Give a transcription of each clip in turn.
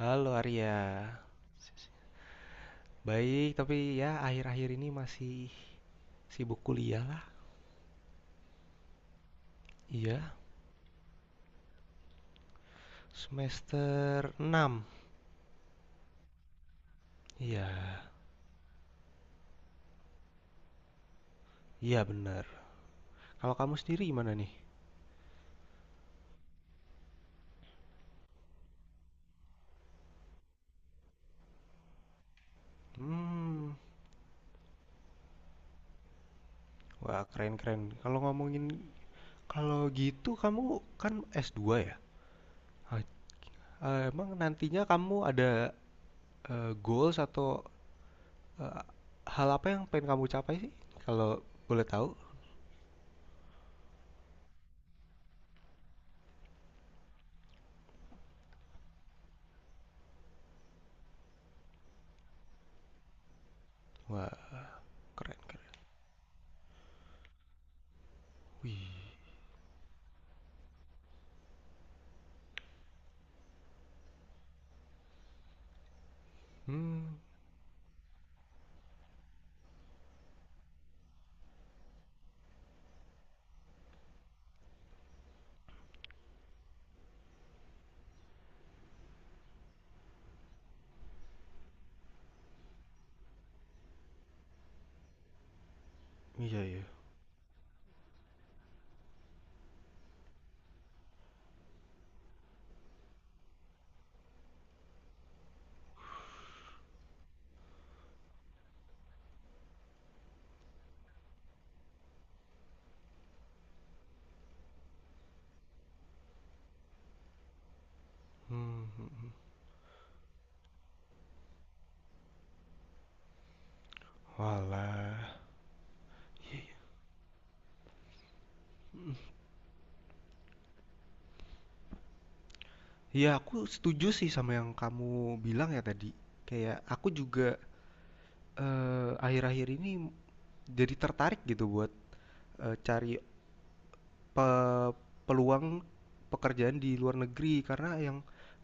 Halo Arya, baik tapi ya akhir-akhir ini masih sibuk kuliah lah. Iya, semester 6. Iya, iya bener. Kalau kamu sendiri gimana nih? Hmm, wah keren-keren. Kalau gitu kamu kan s dua ya? Ah, emang nantinya kamu ada goals atau eh, hal apa yang pengen kamu capai sih? Kalau boleh tahu? Wah, keren-keren. Hmm, iya iya. Hmm, hmm, hmm. Walah. Ya aku setuju sih sama yang kamu bilang ya tadi. Kayak aku juga akhir-akhir ini jadi tertarik gitu buat cari pe- peluang pekerjaan di luar negeri karena yang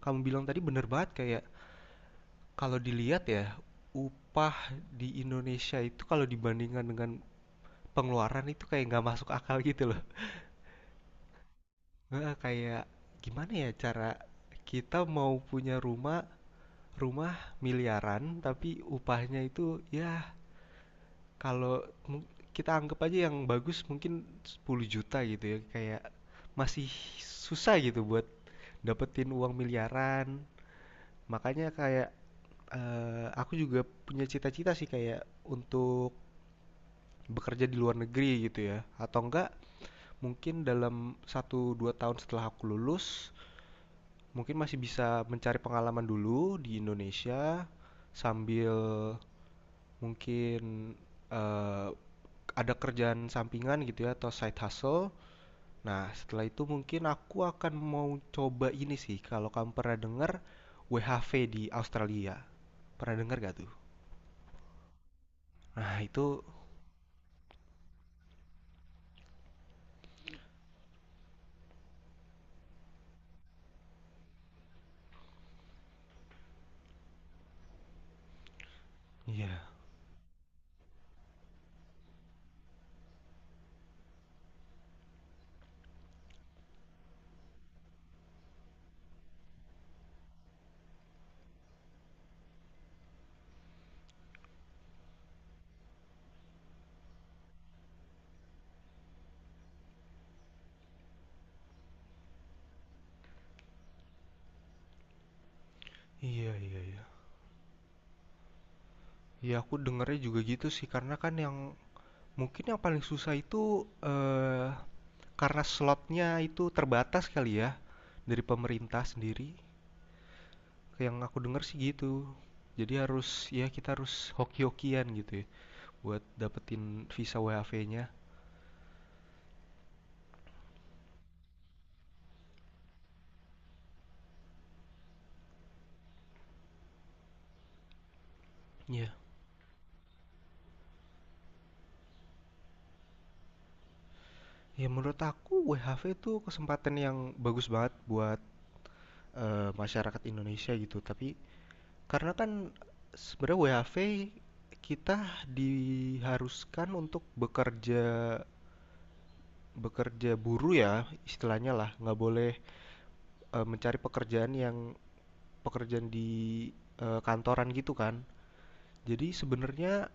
kamu bilang tadi bener banget, kayak kalau dilihat ya upah di Indonesia itu kalau dibandingkan dengan pengeluaran itu kayak nggak masuk akal gitu loh. Nah, kayak gimana ya cara kita mau punya rumah rumah miliaran tapi upahnya itu ya kalau kita anggap aja yang bagus mungkin 10 juta gitu ya, kayak masih susah gitu buat dapetin uang miliaran. Makanya kayak aku juga punya cita-cita sih kayak untuk bekerja di luar negeri gitu ya, atau enggak mungkin dalam satu dua tahun setelah aku lulus mungkin masih bisa mencari pengalaman dulu di Indonesia sambil mungkin eh, ada kerjaan sampingan gitu ya atau side hustle. Nah, setelah itu mungkin aku akan mau coba ini sih. Kalau kamu pernah dengar WHV di Australia, pernah dengar gak tuh? Nah, itu iya, iya, iya, iya. Ya aku dengernya juga gitu sih, karena kan yang mungkin yang paling susah itu karena slotnya itu terbatas kali ya dari pemerintah sendiri. Yang aku dengar sih gitu. Jadi harus, ya kita harus hoki-hokian gitu ya buat dapetin visa WHV-nya. Iya. Yeah. Ya menurut aku WHV itu kesempatan yang bagus banget buat masyarakat Indonesia gitu. Tapi karena kan sebenarnya WHV kita diharuskan untuk bekerja bekerja buruh ya istilahnya lah, nggak boleh mencari pekerjaan di kantoran gitu kan. Jadi sebenarnya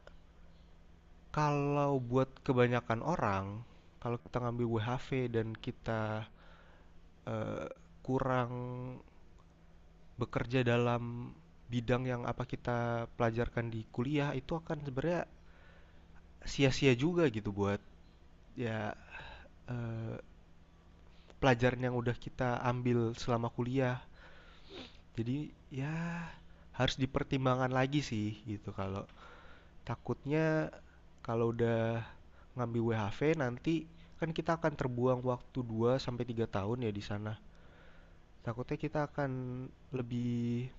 kalau buat kebanyakan orang, kalau kita ngambil WHV dan kita eh, kurang bekerja dalam bidang yang apa kita pelajarkan di kuliah, itu akan sebenarnya sia-sia juga gitu buat ya pelajaran yang udah kita ambil selama kuliah. Jadi ya harus dipertimbangkan lagi sih gitu, kalau takutnya kalau udah ngambil WHV nanti kan kita akan terbuang waktu 2 sampai 3 tahun ya di sana. Takutnya kita akan lebih,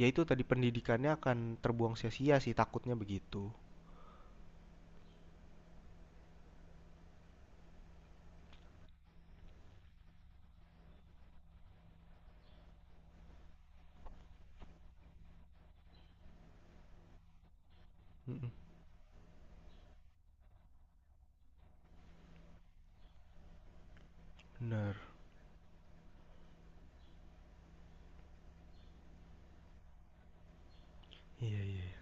ya itu tadi pendidikannya akan terbuang sia-sia sih, takutnya begitu. Bener. Iya iya iya.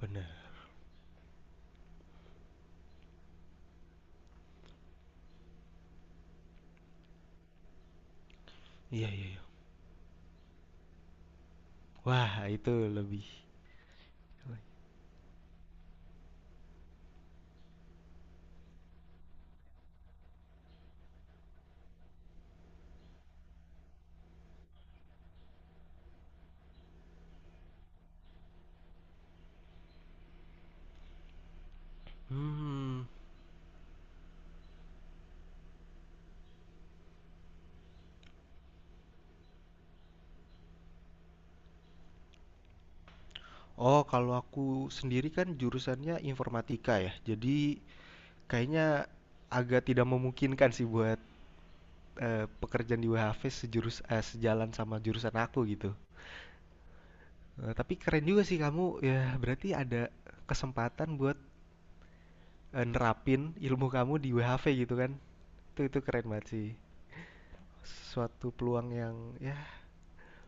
Bener. Iya iya. Iya. Wah itu lebih. Hmm. Oh kalau aku sendiri kan jurusannya informatika ya. Jadi kayaknya agak tidak memungkinkan sih buat pekerjaan di WHV sejalan sama jurusan aku gitu. Eh, tapi keren juga sih kamu ya, berarti ada kesempatan buat nerapin ilmu kamu di WHV gitu kan. Itu keren banget sih. Suatu peluang yang ya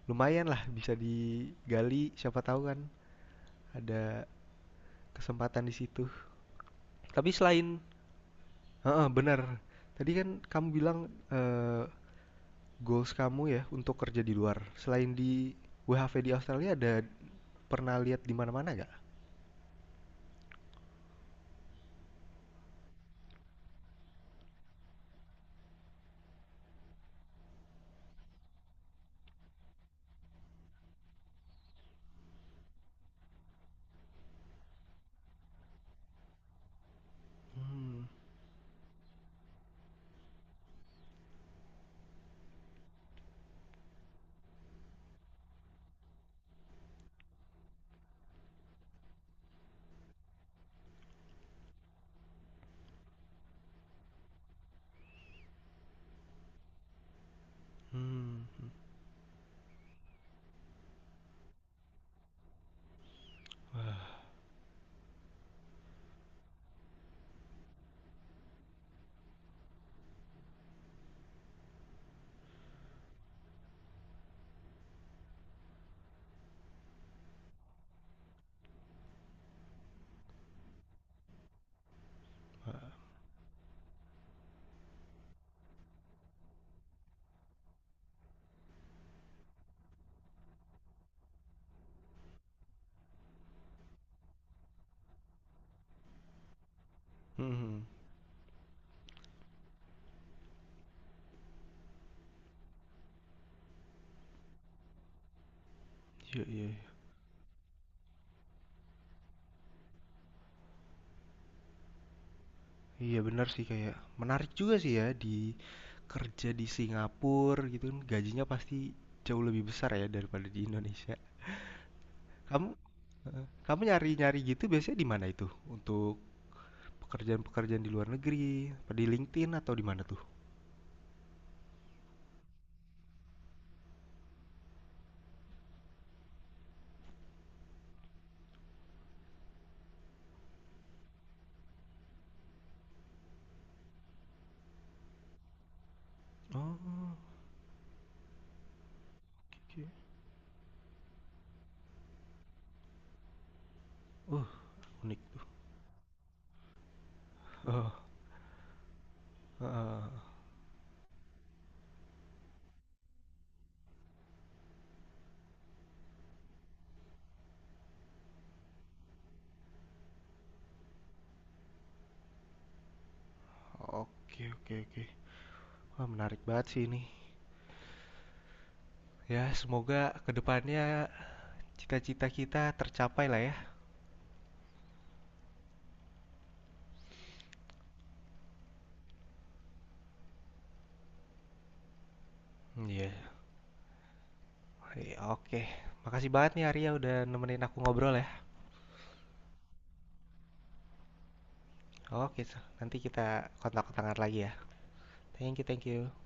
lumayan lah, bisa digali, siapa tahu kan ada kesempatan di situ. Tapi selain, heeh, benar, tadi kan kamu bilang goals kamu ya untuk kerja di luar, selain di WHV di Australia ada pernah lihat di mana-mana gak? Hmm, hmm, hmm, hmm. Iya iya iya. Iya benar sih, kayak menarik juga sih ya di kerja di Singapura gitu kan gajinya pasti jauh lebih besar ya daripada di Indonesia. Kamu, heeh, kamu nyari-nyari gitu biasanya di mana itu? Untuk pekerjaan-pekerjaan di luar negeri, apa di LinkedIn atau di mana tuh? Oh, oke. Uh, unik tuh. Oh, heeh. Oke oke oke. Wah, menarik banget sih ini. Ya, semoga kedepannya cita-cita kita tercapai lah ya. Hmm, iya. Iya, oke. Makasih banget nih Arya, udah nemenin aku ngobrol ya. Oke, so nanti kita kontak-kontakan lagi ya. Thank you, thank you.